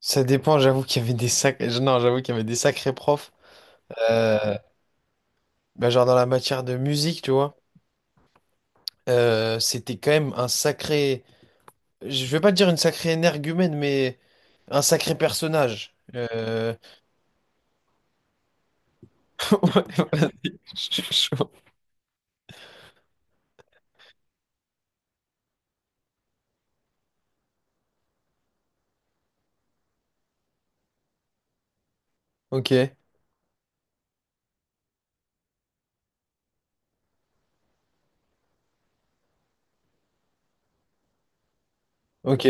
Ça dépend, j'avoue qu'il y avait des sac... non, j'avoue qu'il y avait des sacrés profs. Euh, Bah, genre dans la matière de musique, tu vois. C'était quand même un sacré. Je vais pas dire une sacrée énergumène, mais un sacré personnage. Ouais, vas je suis chaud. Ok, ok.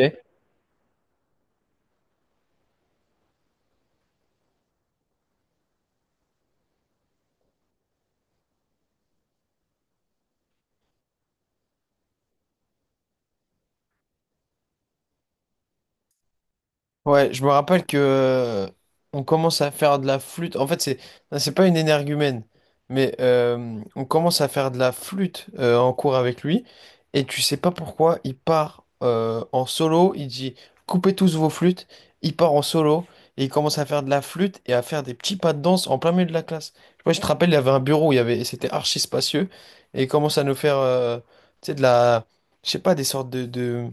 Ouais, je me rappelle que on commence à faire de la flûte. En fait, c'est pas une énergumène, mais on commence à faire de la flûte en cours avec lui. Et tu sais pas pourquoi, il part en solo. Il dit coupez tous vos flûtes. Il part en solo et il commence à faire de la flûte et à faire des petits pas de danse en plein milieu de la classe. Je sais pas, je te rappelle, il y avait un bureau, où il y avait, c'était archi spacieux et il commence à nous faire, tu sais, de la, je sais pas, des sortes de de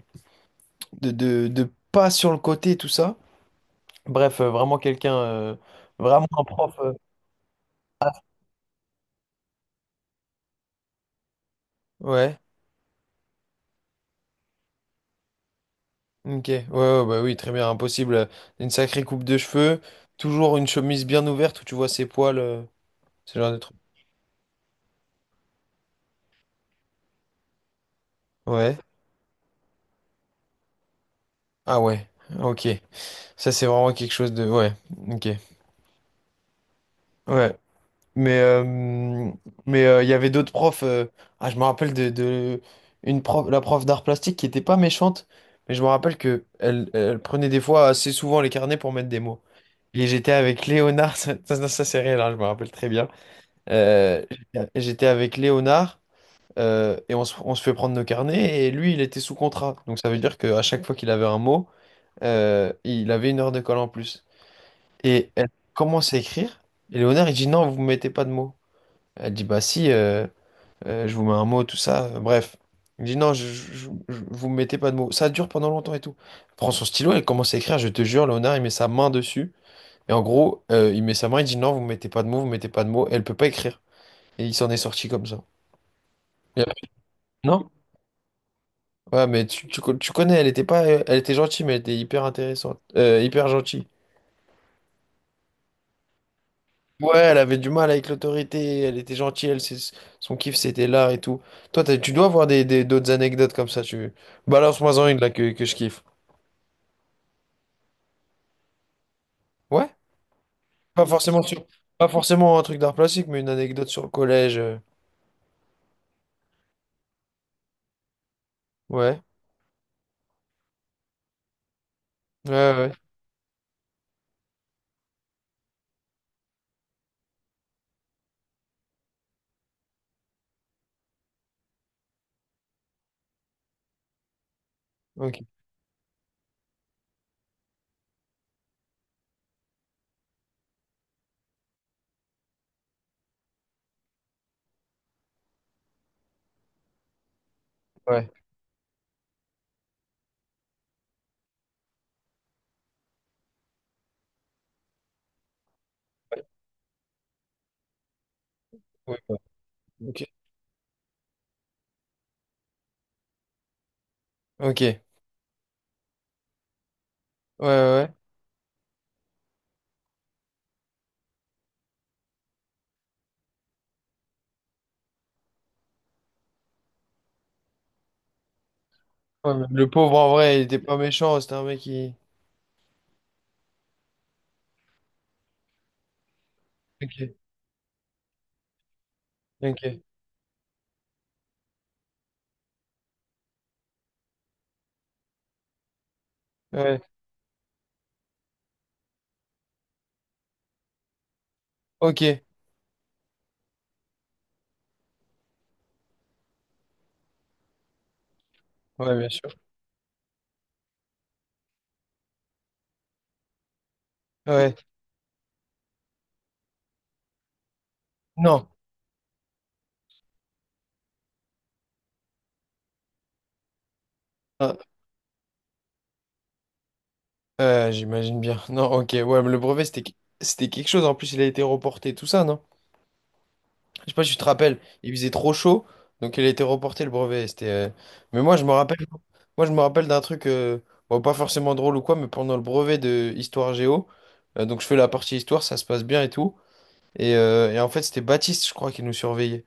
de, de de pas sur le côté et tout ça. Bref, vraiment quelqu'un, vraiment un prof. Ah, ouais, ok, ouais, ouais, bah oui, très bien, impossible. Une sacrée coupe de cheveux, toujours une chemise bien ouverte où tu vois ses poils, ce genre de truc. Ouais, ah ouais, ok, ça c'est vraiment quelque chose de. Ouais, ok, ouais. Mais euh, mais il y avait d'autres profs. Ah, je me rappelle de, une prof, la prof d'art plastique qui était pas méchante, mais je me rappelle que elle prenait des fois assez souvent les carnets pour mettre des mots. Et j'étais avec Léonard, ça, c'est réel, hein, je me rappelle très bien. Euh, j'étais avec Léonard et on se fait prendre nos carnets et lui, il était sous contrat. Donc ça veut dire qu'à chaque fois qu'il avait un mot, il avait une heure de colle en plus. Et elle commence à écrire et Léonard, il dit non, vous ne mettez pas de mots. Elle dit, bah si, je vous mets un mot, tout ça. Bref. Il dit, non, vous me mettez pas de mots. Ça dure pendant longtemps et tout. Elle prend son stylo, elle commence à écrire, je te jure, Léonard, il met sa main dessus. Et en gros, il met sa main, il dit, non, vous me mettez pas de mots, vous me mettez pas de mots. Elle peut pas écrire. Et il s'en est sorti comme ça. Et après, non? Ouais, mais tu connais, elle était pas, elle était gentille, mais elle était hyper intéressante. Hyper gentille. Ouais, elle avait du mal avec l'autorité, elle était gentille, son kiff c'était là et tout. Toi, tu dois avoir des, d'autres anecdotes comme ça, tu... Balance-moi-en une là que, je kiffe. Ouais? Pas forcément sur... Pas forcément un truc d'art plastique, mais une anecdote sur le collège. Ouais. Ouais, ouais. Ouais. Ok. Ouais. Ouais, ouais. Ok. Ok. Ouais, ouais. Ouais. Ouais, mais le pauvre, en vrai, il était pas méchant, c'était un mec qui... Ok. Ok. Ouais. Ok. Ouais, bien sûr. Ouais. Non. Ah, j'imagine bien. Non, ok, ouais, mais le brevet, c'était quelque chose. En plus, il a été reporté, tout ça, non? Je sais pas si tu te rappelles, il faisait trop chaud, donc il a été reporté, le brevet. Mais moi, je me rappelle d'un truc, bon, pas forcément drôle ou quoi, mais pendant le brevet de Histoire Géo, donc je fais la partie Histoire, ça se passe bien et tout. Et en fait, c'était Baptiste, je crois, qui nous surveillait.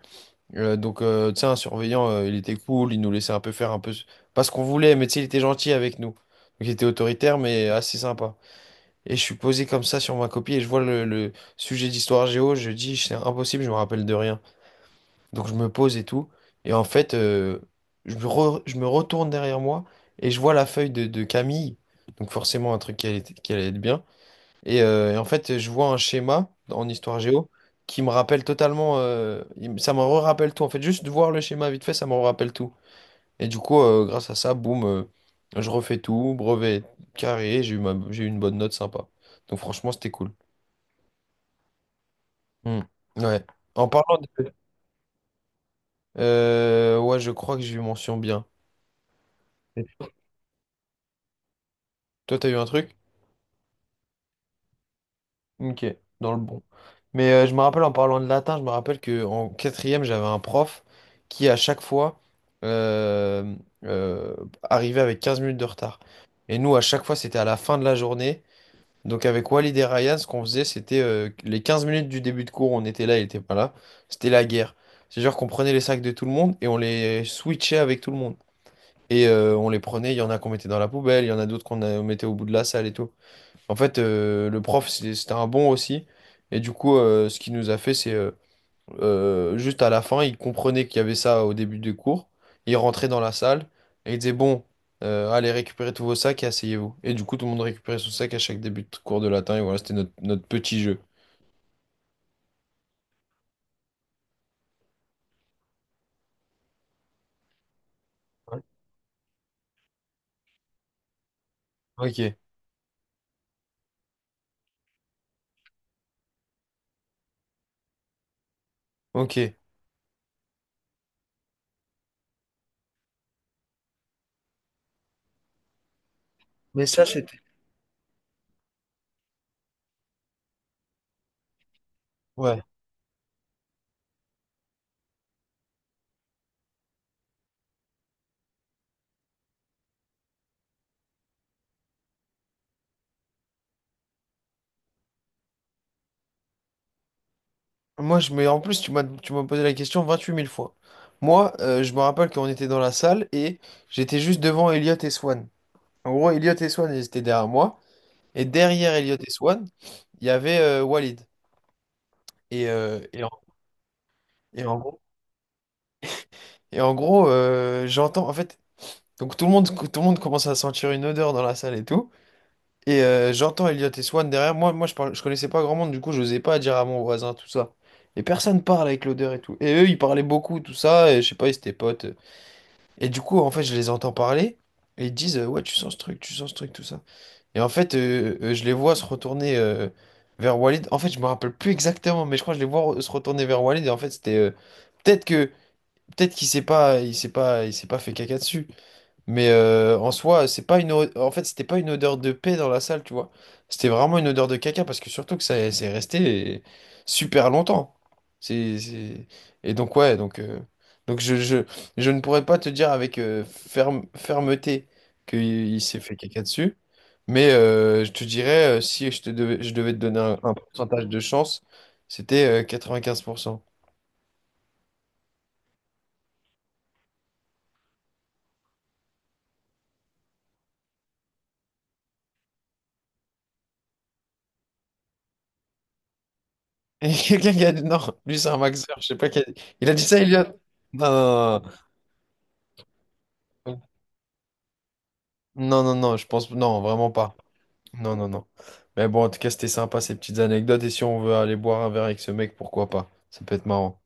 Donc, tu sais, un surveillant, il était cool, il nous laissait un peu faire un peu, pas ce qu'on voulait, mais tu sais, il était gentil avec nous. Donc, il était autoritaire, mais assez sympa. Et je suis posé comme ça sur ma copie et je vois le sujet d'histoire géo, je dis c'est impossible, je me rappelle de rien. Donc je me pose et tout. Et en fait, je me retourne derrière moi et je vois la feuille de, Camille. Donc forcément un truc qui allait être bien. Et en fait, je vois un schéma en histoire géo qui me rappelle totalement, ça me rappelle tout. En fait, juste de voir le schéma vite fait, ça me rappelle tout. Et du coup, grâce à ça, boum, je refais tout, brevet carré, j'ai eu une bonne note sympa. Donc franchement, c'était cool. Hmm. Ouais. En parlant de... ouais, je crois que j'ai eu mention bien. Et toi, t'as eu un truc? Ok, dans le bon. Mais je me rappelle en parlant de latin, je me rappelle que en quatrième, j'avais un prof qui, à chaque fois, euh, euh, arrivait avec 15 minutes de retard. Et nous, à chaque fois, c'était à la fin de la journée. Donc avec Walid et Ryan, ce qu'on faisait, c'était les 15 minutes du début de cours, on était là, il était pas là. C'était la guerre. C'est genre qu'on prenait les sacs de tout le monde et on les switchait avec tout le monde. Et on les prenait, il y en a qu'on mettait dans la poubelle, il y en a d'autres qu'on mettait au bout de la salle et tout. En fait, le prof, c'était un bon aussi. Et du coup, ce qu'il nous a fait, c'est juste à la fin, il comprenait qu'il y avait ça au début du cours. Il rentrait dans la salle et il disait, bon, allez récupérer tous vos sacs et asseyez-vous. Et du coup, tout le monde récupérait son sac à chaque début de cours de latin. Et voilà, c'était notre petit jeu. Ouais. Ok, ok. Mais ça, c'était. Ouais. Moi, en plus, tu m'as posé la question 28 000 fois. Moi, je me rappelle qu'on était dans la salle et j'étais juste devant Elliot et Swan. En gros, Elliot et Swan, ils étaient derrière moi. Et derrière Elliot et Swan, il y avait Walid. Et, euh, et, en, et en gros, et en gros, j'entends, en fait, donc tout le monde commence à sentir une odeur dans la salle et tout. Et j'entends Elliot et Swan derrière moi. Moi, je parle, je connaissais pas grand monde, du coup, j'osais pas dire à mon voisin tout ça. Et personne parle avec l'odeur et tout. Et eux, ils parlaient beaucoup, tout ça. Et je sais pas, ils étaient potes. Et du coup, en fait, je les entends parler et ils disent ouais, tu sens ce truc, tu sens ce truc, tout ça. Et en fait, je les vois se retourner vers Walid. En fait, je me rappelle plus exactement, mais je crois que je les vois se retourner vers Walid. Et en fait, c'était peut-être que peut-être qu'il s'est pas fait caca dessus. Mais en soi, c'est pas une o- en fait, c'était pas une odeur de paix dans la salle, tu vois. C'était vraiment une odeur de caca parce que surtout que ça c'est resté super longtemps. C'est c'est- et donc ouais, donc je ne pourrais pas te dire avec fermeté qu'il il s'est fait caca dessus, mais je te dirais si je te devais je devais te donner un pourcentage de chance, c'était 95%. Et quelqu'un qui a dit non, lui c'est un maxeur, je sais pas qui a dit- Il a dit ça, Elliot. Non, non. Non. Non, non, non, je pense... Non, vraiment pas. Non, non, non. Mais bon, en tout cas, c'était sympa ces petites anecdotes. Et si on veut aller boire un verre avec ce mec, pourquoi pas? Ça peut être marrant.